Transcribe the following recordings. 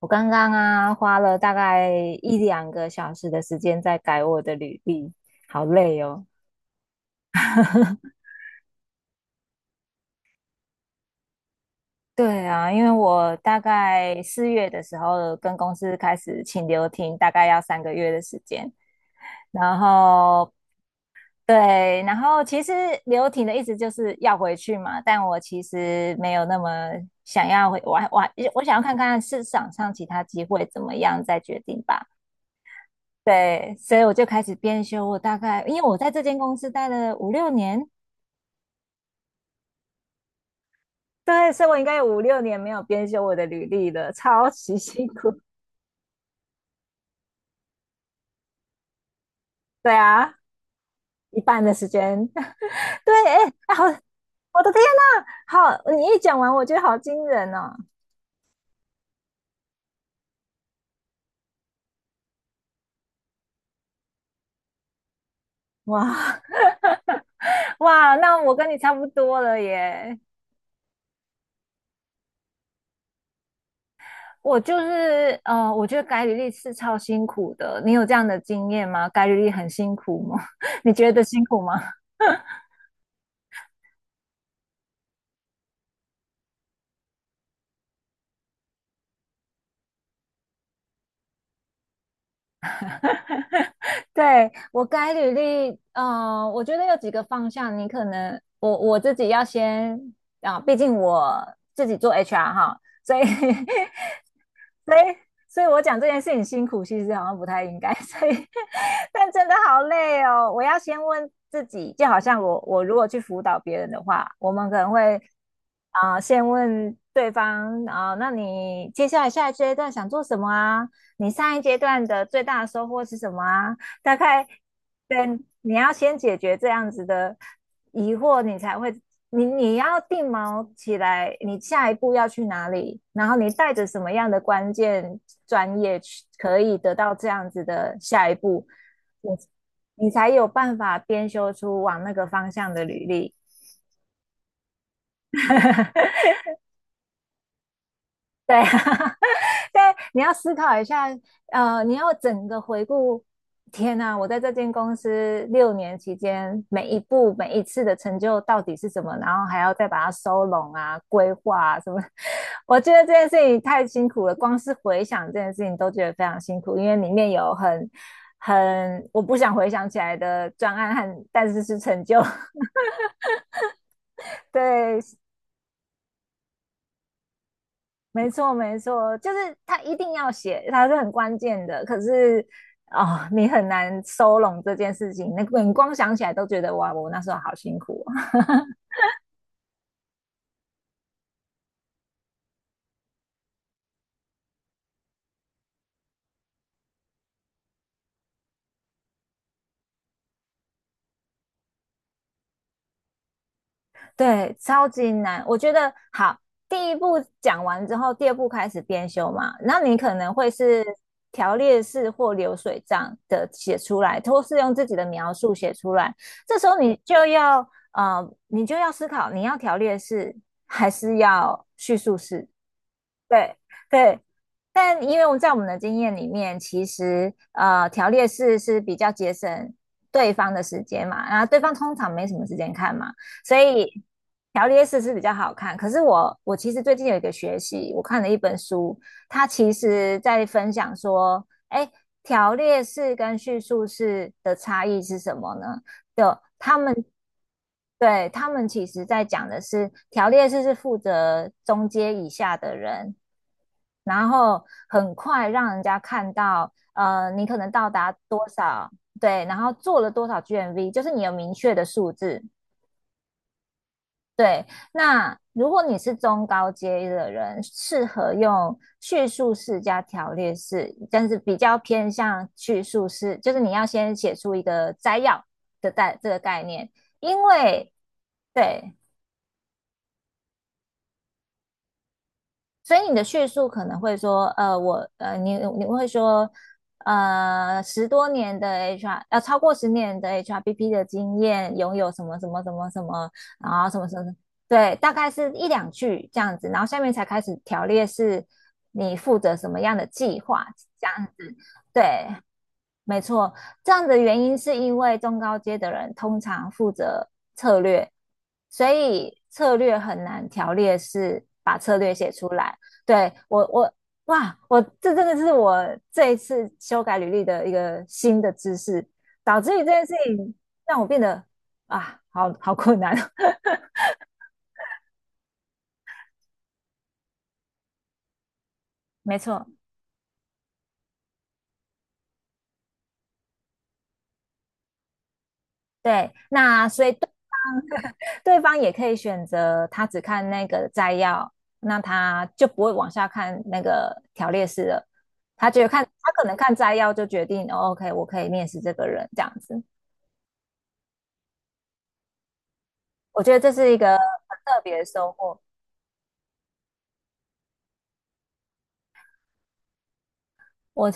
我刚刚啊，花了大概一两个小时的时间在改我的履历，好累哦。对啊，因为我大概四月的时候跟公司开始请留停，大概要三个月的时间。然后对，然后其实留停的意思就是要回去嘛，但我其实没有那么想要回，我想要看看市场上其他机会怎么样再决定吧。对，所以我就开始编修。我大概因为我在这间公司待了五六年，对，所以我应该有五六年没有编修我的履历了，超级辛苦。对啊，一半的时间。对，哎好，我的天呐，好，你一讲完，我觉得好惊人哦！哇 哇，那我跟你差不多了耶。我就是，我觉得改履历是超辛苦的。你有这样的经验吗？改履历很辛苦吗？你觉得辛苦吗？对，我改履历，我觉得有几个方向，你可能我自己要先啊，毕竟我自己做 HR 哈，所以 所以，所以我讲这件事情辛苦，其实好像不太应该。所以，但真的好累哦。我要先问自己，就好像我如果去辅导别人的话，我们可能会先问对方那你接下来下一阶段想做什么啊？你上一阶段的最大的收获是什么啊？大概对，你要先解决这样子的疑惑，你才会你你要定锚起来，你下一步要去哪里，然后你带着什么样的关键专业去可以得到这样子的下一步，你你才有办法编修出往那个方向的履历。对啊，但你要思考一下，你要整个回顾。天呐，我在这间公司六年期间，每一步每一次的成就到底是什么？然后还要再把它收拢啊、规划啊什么。我觉得这件事情太辛苦了，光是回想这件事情都觉得非常辛苦，因为里面有很我不想回想起来的专案和，但是是成就。对，没错，没错，就是他一定要写，他是很关键的。可是哦，你很难收拢这件事情，那你光想起来都觉得哇，我那时候好辛苦哦。对，超级难。我觉得好，第一步讲完之后，第二步开始编修嘛，那你可能会是条列式或流水账的写出来，或是用自己的描述写出来。这时候你就要你就要思考，你要条列式还是要叙述式？对对，但因为我们在我们的经验里面，其实条列式是比较节省对方的时间嘛，然后对方通常没什么时间看嘛，所以条列式是比较好看。可是我其实最近有一个学习，我看了一本书，它其实在分享说，哎，条列式跟叙述式的差异是什么呢？就他们对他们其实在讲的是条列式是负责中阶以下的人。然后很快让人家看到，你可能到达多少，对，然后做了多少 GMV，就是你有明确的数字。对，那如果你是中高阶的人，适合用叙述式加条列式，但是比较偏向叙述式，就是你要先写出一个摘要的这个概念，因为对，所以你的叙述可能会说，你会说，十多年的 HR，超过十年的 HRBP 的经验，拥有什么什么什么什么，然后什么什么，对，大概是一两句这样子，然后下面才开始条列是你负责什么样的计划，这样子，对，没错，这样的原因是因为中高阶的人通常负责策略，所以策略很难条列式把策略写出来。对，哇，我这真的是我这一次修改履历的一个新的知识，导致于这件事情让我变得啊，好好困难哦。没错，对，那所以对。对方也可以选择他只看那个摘要，那他就不会往下看那个条列式了。他觉得看他可能看摘要就决定，哦，OK，我可以面试这个人这样子。我觉得这是一个很特别的收获。我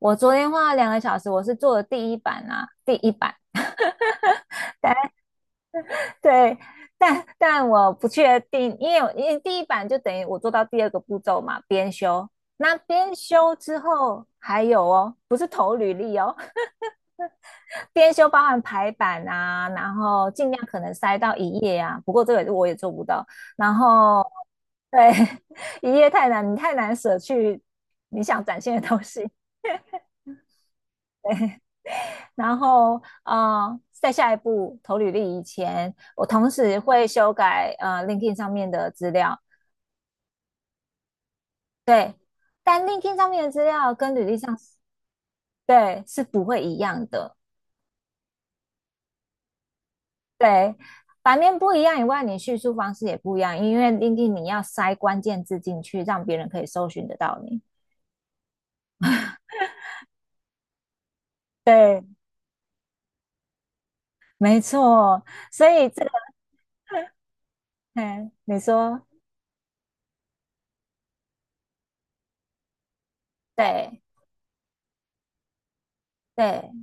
我昨天花了两个小时，我是做了第一版啊，第一版 对，但我不确定，因为第一版就等于我做到第二个步骤嘛，编修。那编修之后还有哦，不是投履历哦，编修包含排版啊，然后尽量可能塞到一页啊，不过这个我也做不到。然后对，一页太难，你太难舍去你想展现的东西。然后在下一步投履历以前，我同时会修改LinkedIn 上面的资料，对，但 LinkedIn 上面的资料跟履历上是对是不会一样的。对，版面不一样以外，你叙述方式也不一样，因为 Linkin 你要塞关键字进去，让别人可以搜寻得到你。对，没错，所以这个，嗯，你说对对，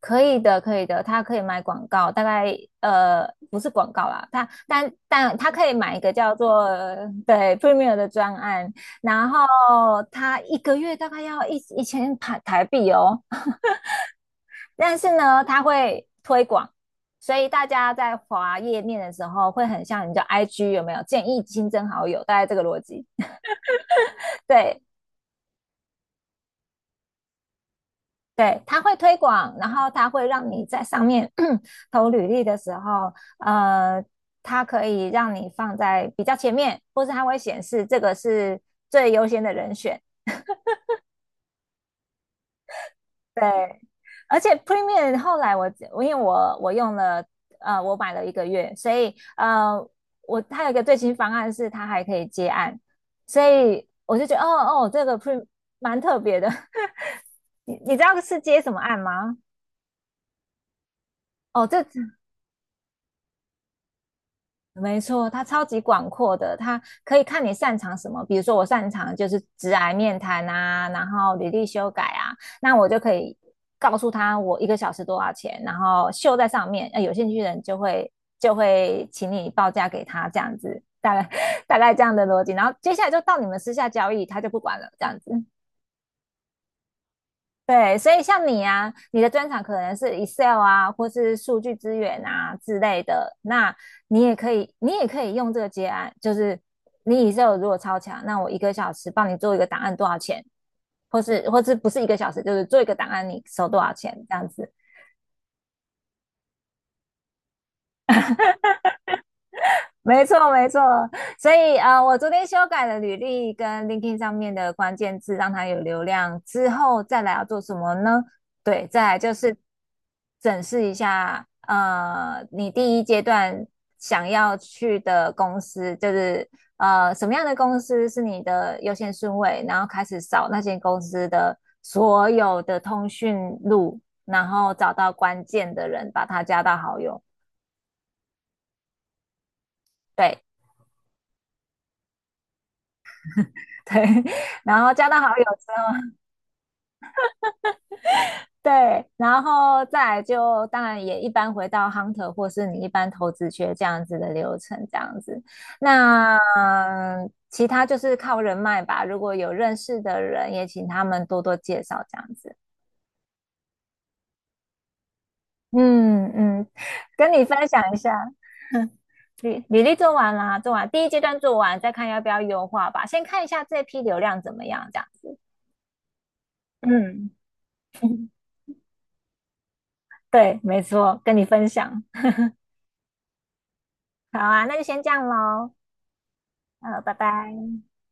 可以的，可以的，他可以买广告，大概呃不是广告啦，但他可以买一个叫做对 Premier 的专案，然后他一个月大概要一千台币哦，但是呢，它会推广，所以大家在滑页面的时候会很像你叫 IG 有没有建议新增好友，大概这个逻辑。对对，它会推广，然后它会让你在上面 投履历的时候，呃，它可以让你放在比较前面，或是它会显示这个是最优先的人选。对，而且 Premium 后来我因为我用了我买了一个月，所以它有一个最新方案是它还可以接案，所以我就觉得哦哦这个 Premium 蛮特别的。你知道是接什么案吗？哦，这没错，它超级广阔的，它可以看你擅长什么。比如说，我擅长就是直癌面谈啊，然后履历修改啊，那我就可以告诉他我一个小时多少钱，然后秀在上面。有兴趣的人就会请你报价给他，这样子，大概 大概这样的逻辑。然后接下来就到你们私下交易，他就不管了，这样子。对，所以像你啊，你的专长可能是 Excel 啊，或是数据资源啊之类的，那你也可以用这个结案，就是你 Excel 如果超强，那我一个小时帮你做一个档案多少钱，或是不是一个小时，就是做一个档案你收多少钱这样子。没错，没错。所以我昨天修改了履历跟 LinkedIn 上面的关键字，让它有流量之后，再来要做什么呢？对，再来就是审视一下，你第一阶段想要去的公司，就是什么样的公司是你的优先顺位，然后开始扫那些公司的所有的通讯录，然后找到关键的人，把他加到好友。对对。然后加到好友之后。对，然后再来就当然也一般回到 hunter 或是你一般投资学这样子的流程，这样子。那其他就是靠人脉吧，如果有认识的人，也请他们多多介绍这样子。嗯嗯，跟你分享一下，履历做完啦，做完第一阶段做完，再看要不要优化吧。先看一下这批流量怎么样，这样子。嗯，对，没错，跟你分享。好啊，那就先这样喽。拜拜。